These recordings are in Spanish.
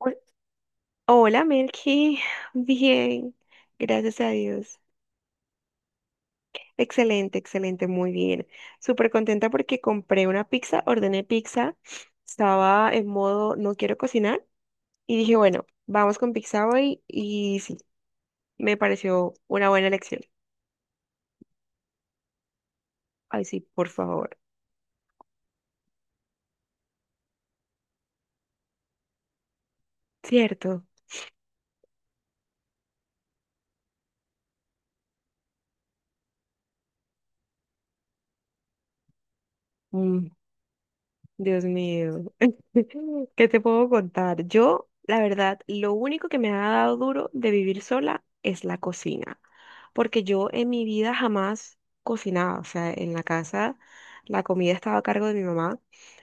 Hol- Hola, Melky. Bien, gracias a Dios. Excelente, excelente, muy bien. Súper contenta porque compré una pizza, ordené pizza. Estaba en modo no quiero cocinar y dije, bueno, vamos con pizza hoy y sí, me pareció una buena elección. Ay, sí, por favor. Cierto. Mm. Dios mío, ¿qué te puedo contar? Yo, la verdad, lo único que me ha dado duro de vivir sola es la cocina, porque yo en mi vida jamás cocinaba, o sea, en la casa la comida estaba a cargo de mi mamá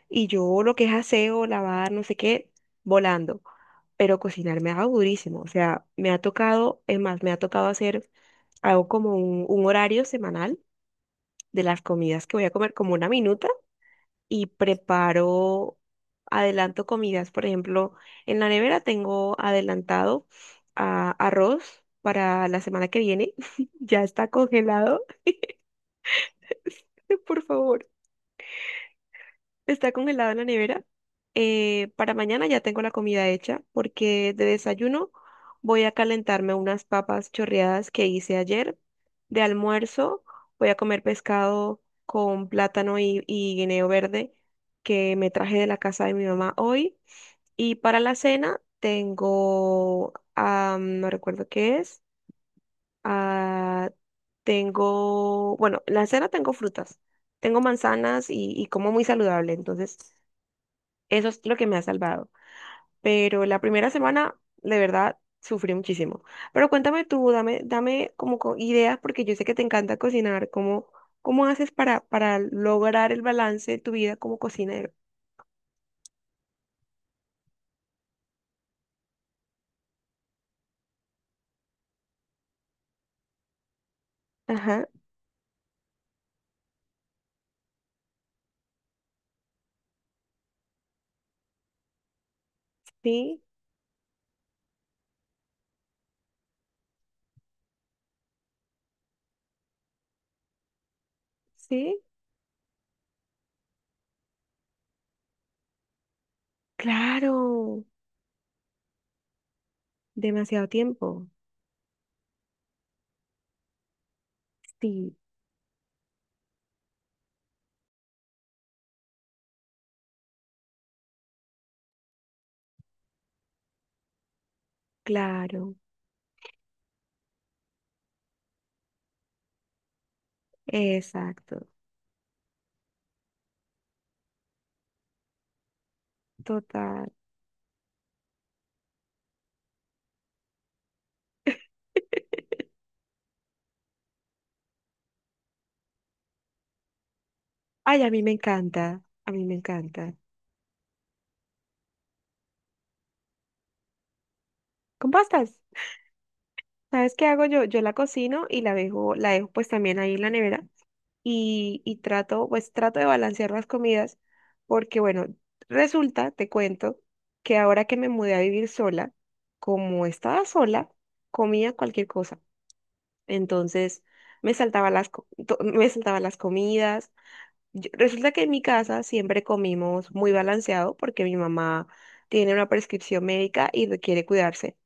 y yo lo que es aseo, lavar, no sé qué, volando, pero cocinar me ha dado durísimo, o sea, me ha tocado, es más, me ha tocado hacer, hago como un horario semanal de las comidas que voy a comer, como una minuta y preparo, adelanto comidas. Por ejemplo, en la nevera tengo adelantado arroz para la semana que viene. Ya está congelado, por favor. Está congelado en la nevera. Para mañana ya tengo la comida hecha porque de desayuno voy a calentarme unas papas chorreadas que hice ayer. De almuerzo voy a comer pescado con plátano y guineo verde que me traje de la casa de mi mamá hoy. Y para la cena no recuerdo qué es. ah, en la cena tengo frutas. Tengo manzanas y como muy saludable. Entonces, eso es lo que me ha salvado. Pero la primera semana, de verdad, sufrí muchísimo. Pero cuéntame tú, dame como ideas, porque yo sé que te encanta cocinar. ¿Cómo haces para lograr el balance de tu vida como cocinero? Ajá, sí, sí, claro. Demasiado tiempo. Sí, claro, exacto, total. Ay, a mí me encanta, a mí me encanta. Con pastas. ¿Sabes qué hago yo? Yo la cocino y la dejo pues también ahí en la nevera y trato de balancear las comidas porque bueno, resulta, te cuento, que ahora que me mudé a vivir sola, como estaba sola, comía cualquier cosa. Entonces me saltaba las comidas. Resulta que en mi casa siempre comimos muy balanceado porque mi mamá tiene una prescripción médica y requiere cuidarse.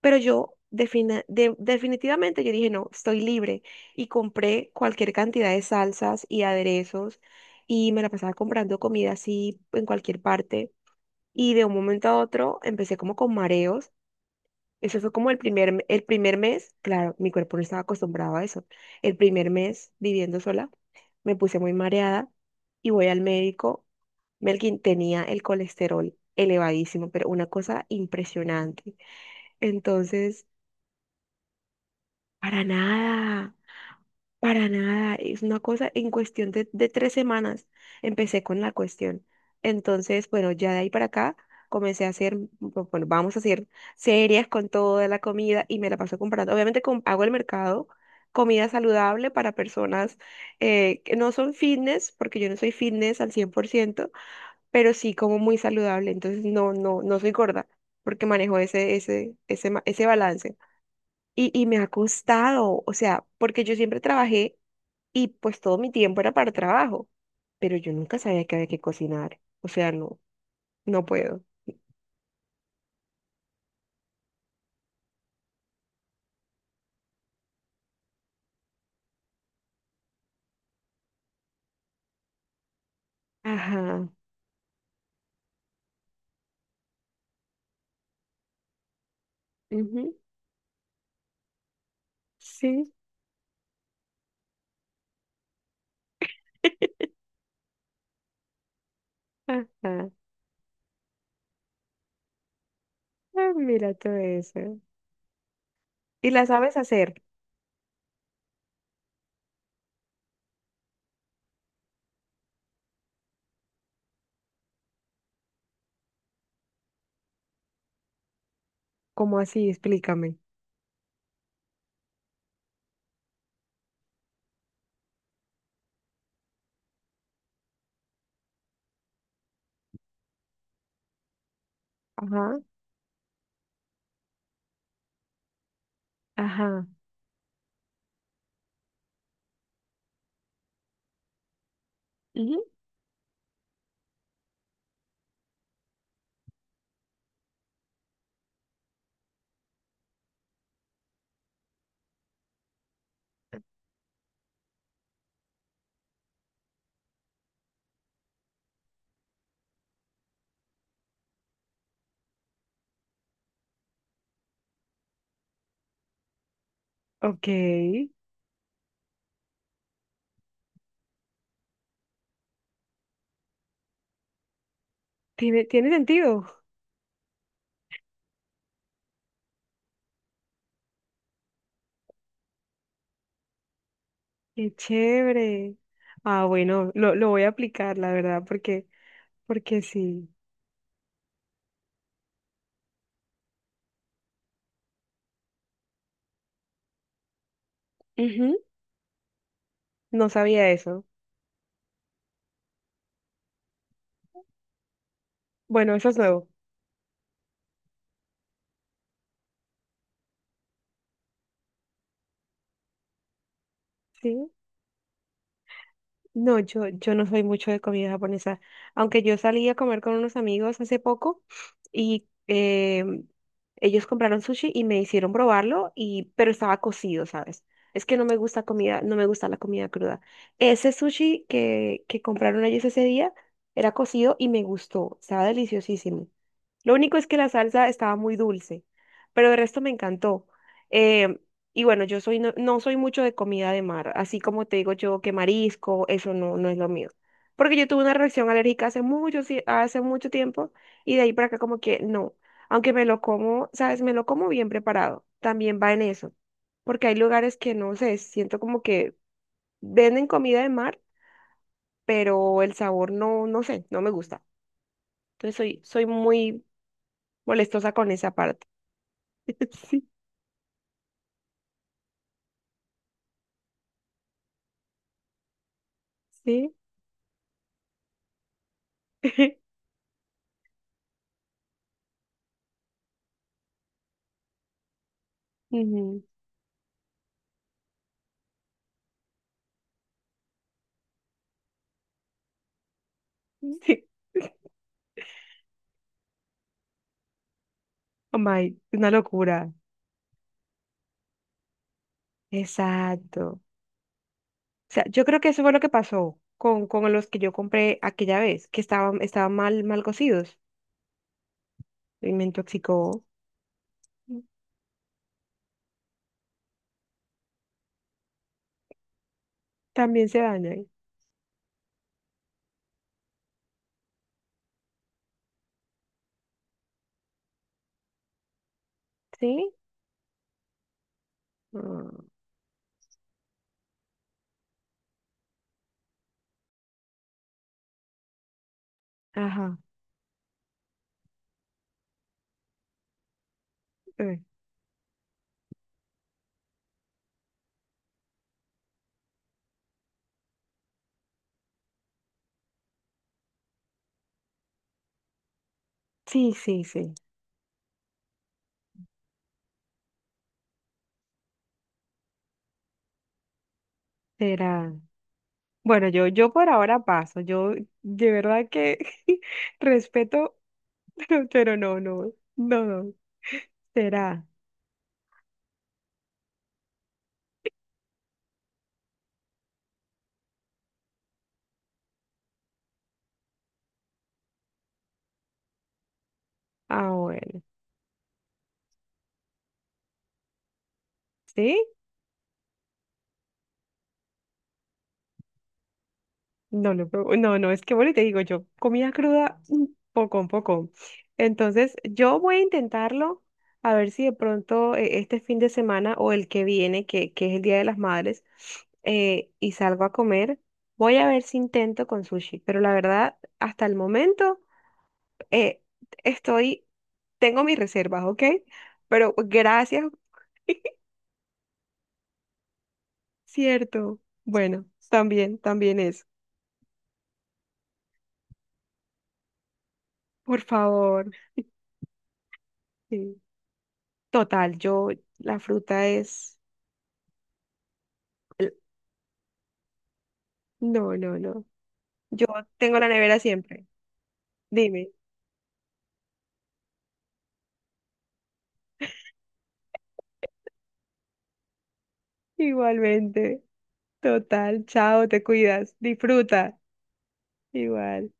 Pero yo definitivamente yo dije, no, estoy libre y compré cualquier cantidad de salsas y aderezos y me la pasaba comprando comida así en cualquier parte. Y de un momento a otro empecé como con mareos. Eso fue como el primer mes, claro, mi cuerpo no estaba acostumbrado a eso. El primer mes viviendo sola, me puse muy mareada y voy al médico. Melkin tenía el colesterol elevadísimo, pero una cosa impresionante. Entonces, para nada. Para nada, es una cosa en cuestión de 3 semanas empecé con la cuestión. Entonces, bueno, ya de ahí para acá comencé a hacer, bueno, vamos a hacer series con toda la comida y me la paso comprando. Obviamente hago el mercado, comida saludable para personas que no son fitness, porque yo no soy fitness al 100% pero sí como muy saludable. Entonces, no, no, no soy gorda, porque manejo ese balance. Y me ha costado, o sea, porque yo siempre trabajé y pues todo mi tiempo era para trabajo, pero yo nunca sabía que había que cocinar, o sea, no, no puedo. Ajá, ujú, sí, ajá, ah, mira todo eso. ¿Y la sabes hacer? ¿Cómo así? Explícame. Ajá, ajá, ujú, ok, tiene sentido, qué chévere. Ah, bueno, lo voy a aplicar, la verdad, porque sí, ujú, no sabía eso. Bueno, eso es nuevo. Sí. No, yo no soy mucho de comida japonesa, aunque yo salí a comer con unos amigos hace poco y ellos compraron sushi y me hicieron probarlo, pero estaba cocido, ¿sabes? Es que no me gusta la comida cruda. Ese sushi que compraron ellos ese día era cocido y me gustó, estaba deliciosísimo. Lo único es que la salsa estaba muy dulce, pero el resto me encantó. Em, y bueno, yo soy no, no soy mucho de comida de mar, así como te digo yo que marisco, eso no, no es lo mío. Porque yo tuve una reacción alérgica hace mucho, sí, hace mucho tiempo y de ahí para acá como que no. Aunque me lo como, ¿sabes? Me lo como bien preparado. También va en eso. Porque hay lugares que no sé, siento como que venden comida de mar, pero el sabor no, no sé, no me gusta. Entonces soy muy molestosa con esa parte. Sí, sí. Ujú. Sí. Oh my, una locura. Exacto. O sea, yo creo que eso fue lo que pasó con los que yo compré aquella vez, que estaban mal, mal cocidos y me intoxicó. También se dañan. ¿Sí? Ah, ajá. eh, Sí, sí, sí. Será. Bueno, yo por ahora paso. Yo de verdad que respeto, pero no, no, no, no. Será. Ah, bueno. ¿Sí? No lo probo. No, no, es que bueno, y te digo yo, comida cruda, un poco. Entonces, yo voy a intentarlo, a ver si de pronto este fin de semana o el que viene, que es el Día de las Madres, y salgo a comer, voy a ver si intento con sushi. Pero la verdad, hasta el momento, eh, estoy, tengo mis reservas, ¿ok? Pero gracias, cierto. Bueno, también es. Por favor. Sí. Total, la fruta es. el- No, no, no. Yo tengo la nevera siempre. Dime. Igualmente. Total, chao, te cuidas. Disfruta. Igual.